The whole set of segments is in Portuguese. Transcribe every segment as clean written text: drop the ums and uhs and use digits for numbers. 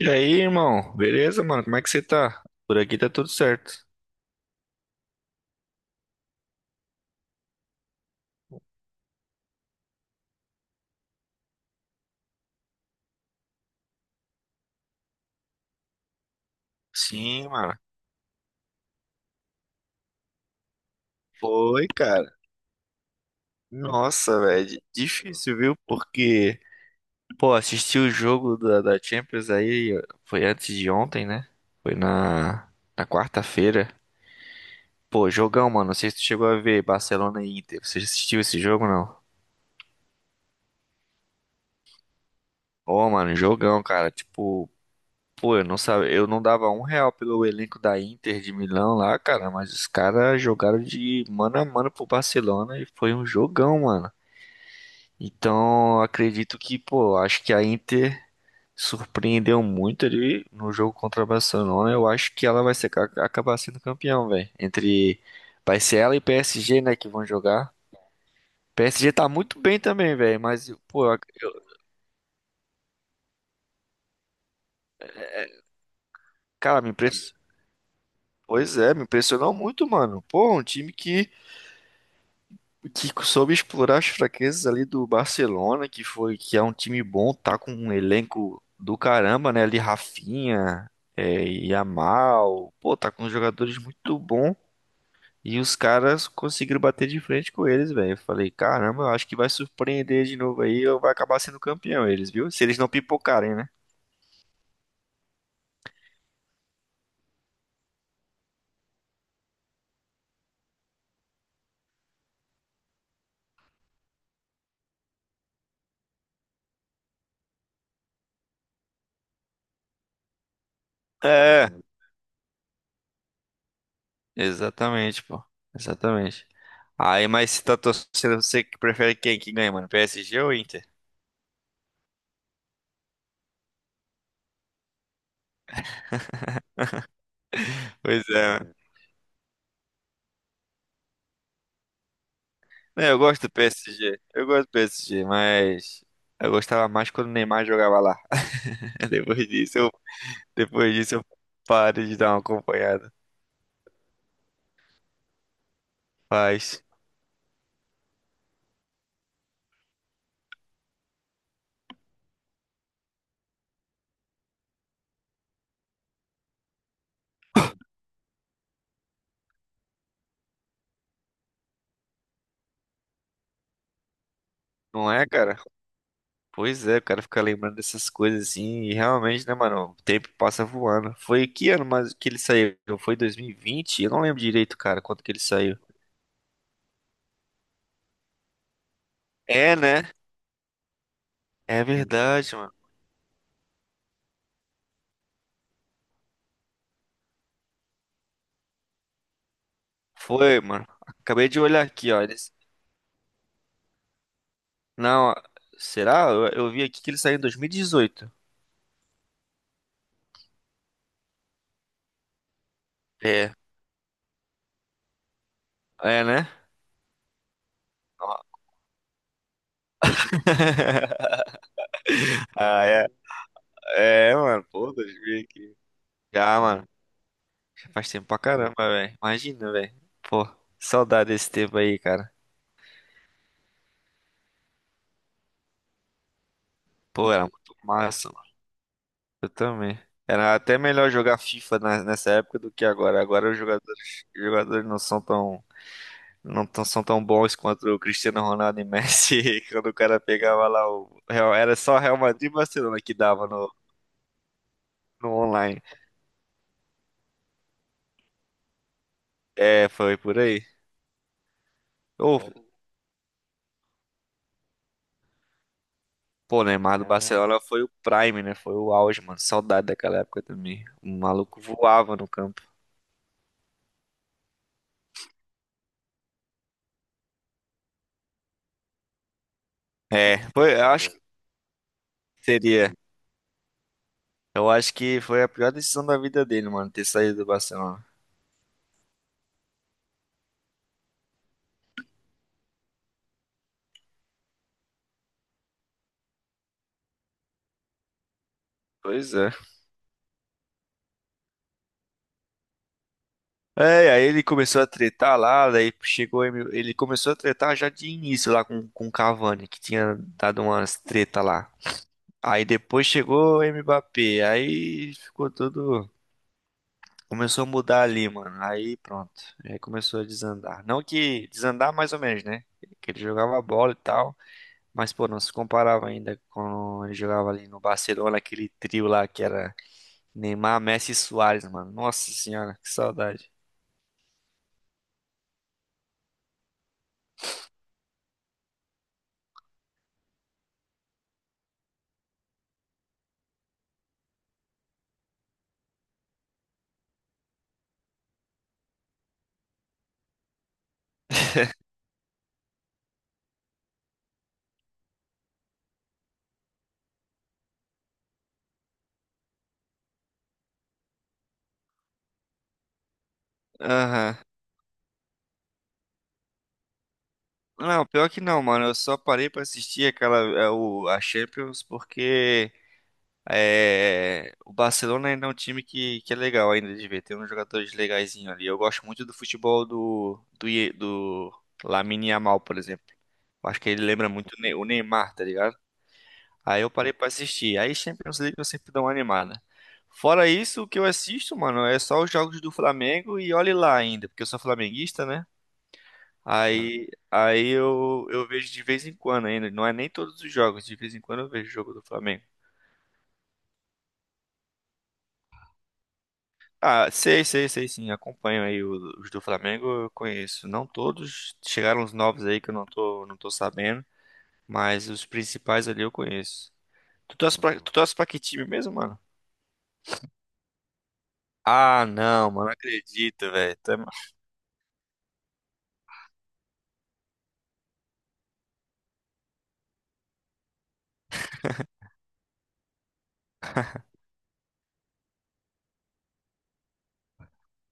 E aí, irmão? Beleza, mano? Como é que você tá? Por aqui tá tudo certo. Sim, mano. Foi, cara. Nossa, velho. Difícil, viu? Porque, pô, assisti o jogo da Champions aí. Foi antes de ontem, né? Foi na quarta-feira. Pô, jogão, mano. Não sei se tu chegou a ver Barcelona e Inter. Você já assistiu esse jogo, não? Ô, mano, jogão, cara. Tipo. Pô, eu não sabia, eu não dava um real pelo elenco da Inter de Milão lá, cara, mas os caras jogaram de mano a mano pro Barcelona e foi um jogão, mano. Então, acredito que, pô, acho que a Inter surpreendeu muito ali no jogo contra o Barcelona. Eu acho que ela vai ser, acabar sendo campeão, velho. Entre vai ser ela e PSG, né, que vão jogar. PSG tá muito bem também, velho, mas pô, cara, me impressionou. Pois é, me impressionou muito, mano. Pô, um time que soube explorar as fraquezas ali do Barcelona, que foi que é um time bom, tá com um elenco do caramba, né? Ali Rafinha, é, Yamal, pô, tá com jogadores muito bons. E os caras conseguiram bater de frente com eles, velho. Eu falei, caramba, eu acho que vai surpreender de novo aí, ou vai acabar sendo campeão eles, viu? Se eles não pipocarem, né? É, exatamente, pô. Exatamente. Aí, mas se tá torcendo, você que prefere quem que ganha, mano? PSG ou Inter? Pois é, é, eu gosto do PSG. Eu gosto do PSG, mas eu gostava mais quando o Neymar jogava lá. Depois disso, depois disso eu parei de dar uma acompanhada. Mas, não é, cara? Pois é, o cara fica lembrando dessas coisas assim, e realmente, né, mano? O tempo passa voando. Foi que ano mais que ele saiu? Foi 2020? Eu não lembro direito, cara, quanto que ele saiu. É, né? É verdade, mano. Foi, mano. Acabei de olhar aqui, ó. Eles... Não, será? Eu vi aqui que ele saiu em 2018. É, É, né? Ó. Ah, é. É, mano. Pô, 2000 aqui. Já, mano. Já faz tempo pra caramba, velho. Imagina, velho. Pô, saudade desse tempo aí, cara. Pô, era muito massa, mano. Eu também. Era até melhor jogar FIFA nessa época do que agora. Agora os jogadores não são tão, não tão- são tão bons quanto o Cristiano Ronaldo e Messi. Quando o cara pegava lá o era só Real Madrid e Barcelona que dava no online. É, foi por aí. Ou pô, Neymar do Barcelona foi o prime, né? Foi o auge, mano. Saudade daquela época também. O maluco voava no campo. É, foi, eu acho que seria. Eu acho que foi a pior decisão da vida dele, mano, ter saído do Barcelona. Pois é. É, aí ele começou a tretar lá, daí chegou, ele começou a tretar já de início lá com o Cavani, que tinha dado umas treta lá. Aí depois chegou o Mbappé, aí ficou tudo. Começou a mudar ali, mano. Aí pronto. Aí começou a desandar. Não que desandar mais ou menos, né? Que ele jogava bola e tal. Mas, pô, não se comparava ainda quando ele jogava ali no Barcelona, aquele trio lá que era Neymar, Messi e Suárez, mano. Nossa senhora, que saudade. Aham. Não, pior que não, mano. Eu só parei pra assistir aquela, é, a Champions porque é, o Barcelona ainda é um time que é legal ainda de ver. Tem uns jogadores legaizinhos ali. Eu gosto muito do futebol do Lamine Yamal, por exemplo. Eu acho que ele lembra muito o Neymar, tá ligado? Aí eu parei pra assistir. Aí Champions League eu sempre dou uma animada. Fora isso, o que eu assisto, mano, é só os jogos do Flamengo e olhe lá ainda, porque eu sou flamenguista, né? Aí, eu vejo de vez em quando ainda. Não é nem todos os jogos, de vez em quando eu vejo o jogo do Flamengo. Ah, sei, sei, sei sim. Acompanho aí os do Flamengo, eu conheço. Não todos, chegaram os novos aí que eu não tô sabendo, mas os principais ali eu conheço. Tu torce pra, uhum, tu uhum, torce pra que time mesmo, mano? Ah, não, mano, não acredito, velho. Tam-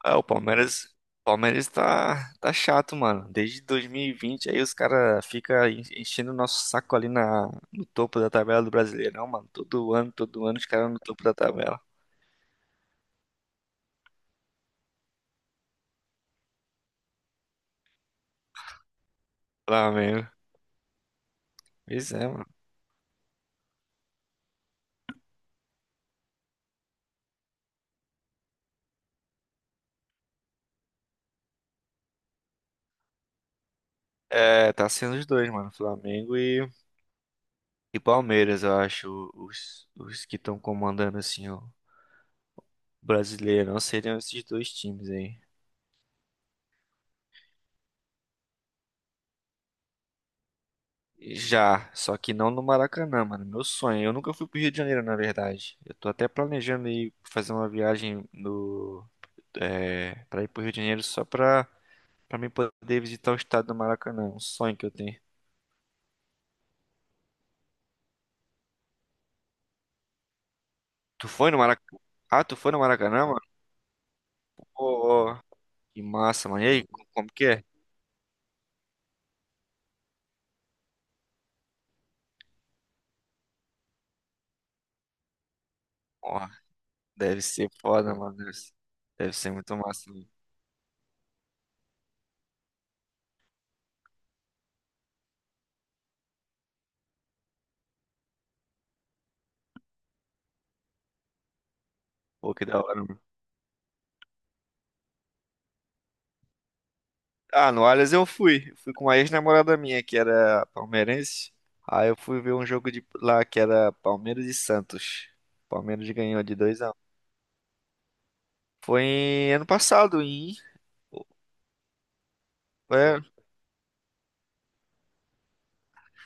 Ah, Palmeiras tá chato, mano. Desde 2020 aí os caras ficam enchendo o nosso saco ali na, no topo da tabela do Brasileirão, mano. Todo ano os caras no topo da tabela. Flamengo. Pois é, mano. É, tá sendo os dois, mano. Flamengo e Palmeiras, eu acho. Os que estão comandando, assim, o brasileiro. Não seriam esses dois times aí. Já, só que não no Maracanã, mano. Meu sonho. Eu nunca fui pro Rio de Janeiro, na verdade. Eu tô até planejando ir fazer uma viagem no, é, pra ir pro Rio de Janeiro só pra, pra mim poder visitar o estado do Maracanã. Um sonho que eu tenho. Tu foi no Maracanã? Ah, tu foi no Maracanã, mano? Pô, ó, que massa, mano. E aí, como que é? Deve ser foda, mano. Deve ser muito massa, mano. Pô, que da hora, mano. Ah, no Allianz eu fui. Fui com uma ex-namorada minha, que era palmeirense. Aí eu fui ver um jogo de lá que era Palmeiras e Santos. Palmeiras ganhou de 2-1. Foi ano passado, em. É,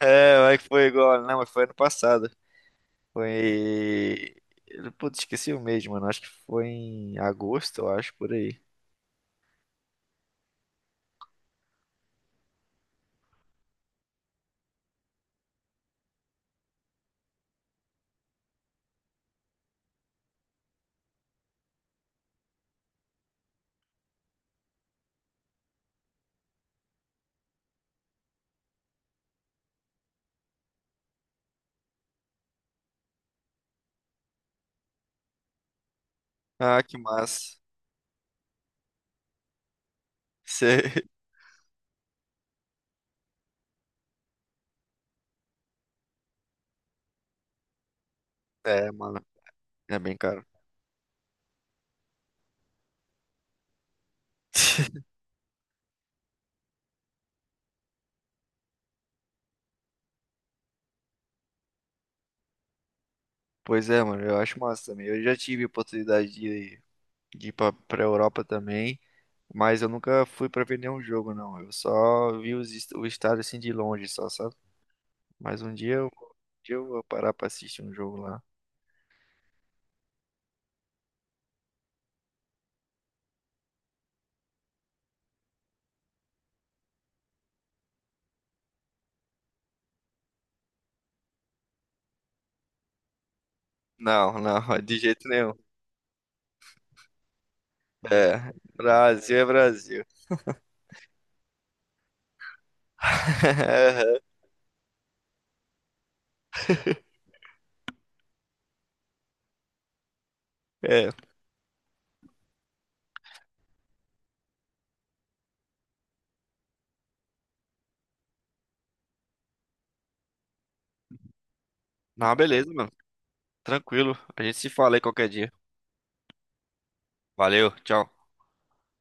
é, vai que foi igual. Não, mas foi ano passado. Foi. Putz, esqueci o mês, mano. Acho que foi em agosto, eu acho, por aí. Ah, que massa. Cê- É, mano, é bem caro. Pois é, mano, eu acho massa também. Eu já tive oportunidade de ir pra, pra Europa também, mas eu nunca fui pra ver nenhum jogo, não. Eu só vi o estádio assim de longe, só, sabe? Mas um dia, um dia eu vou parar pra assistir um jogo lá. Não, não, de jeito nenhum. É, Brasil é Brasil. É, não, beleza, mano. Tranquilo. A gente se fala aí qualquer dia. Valeu, tchau.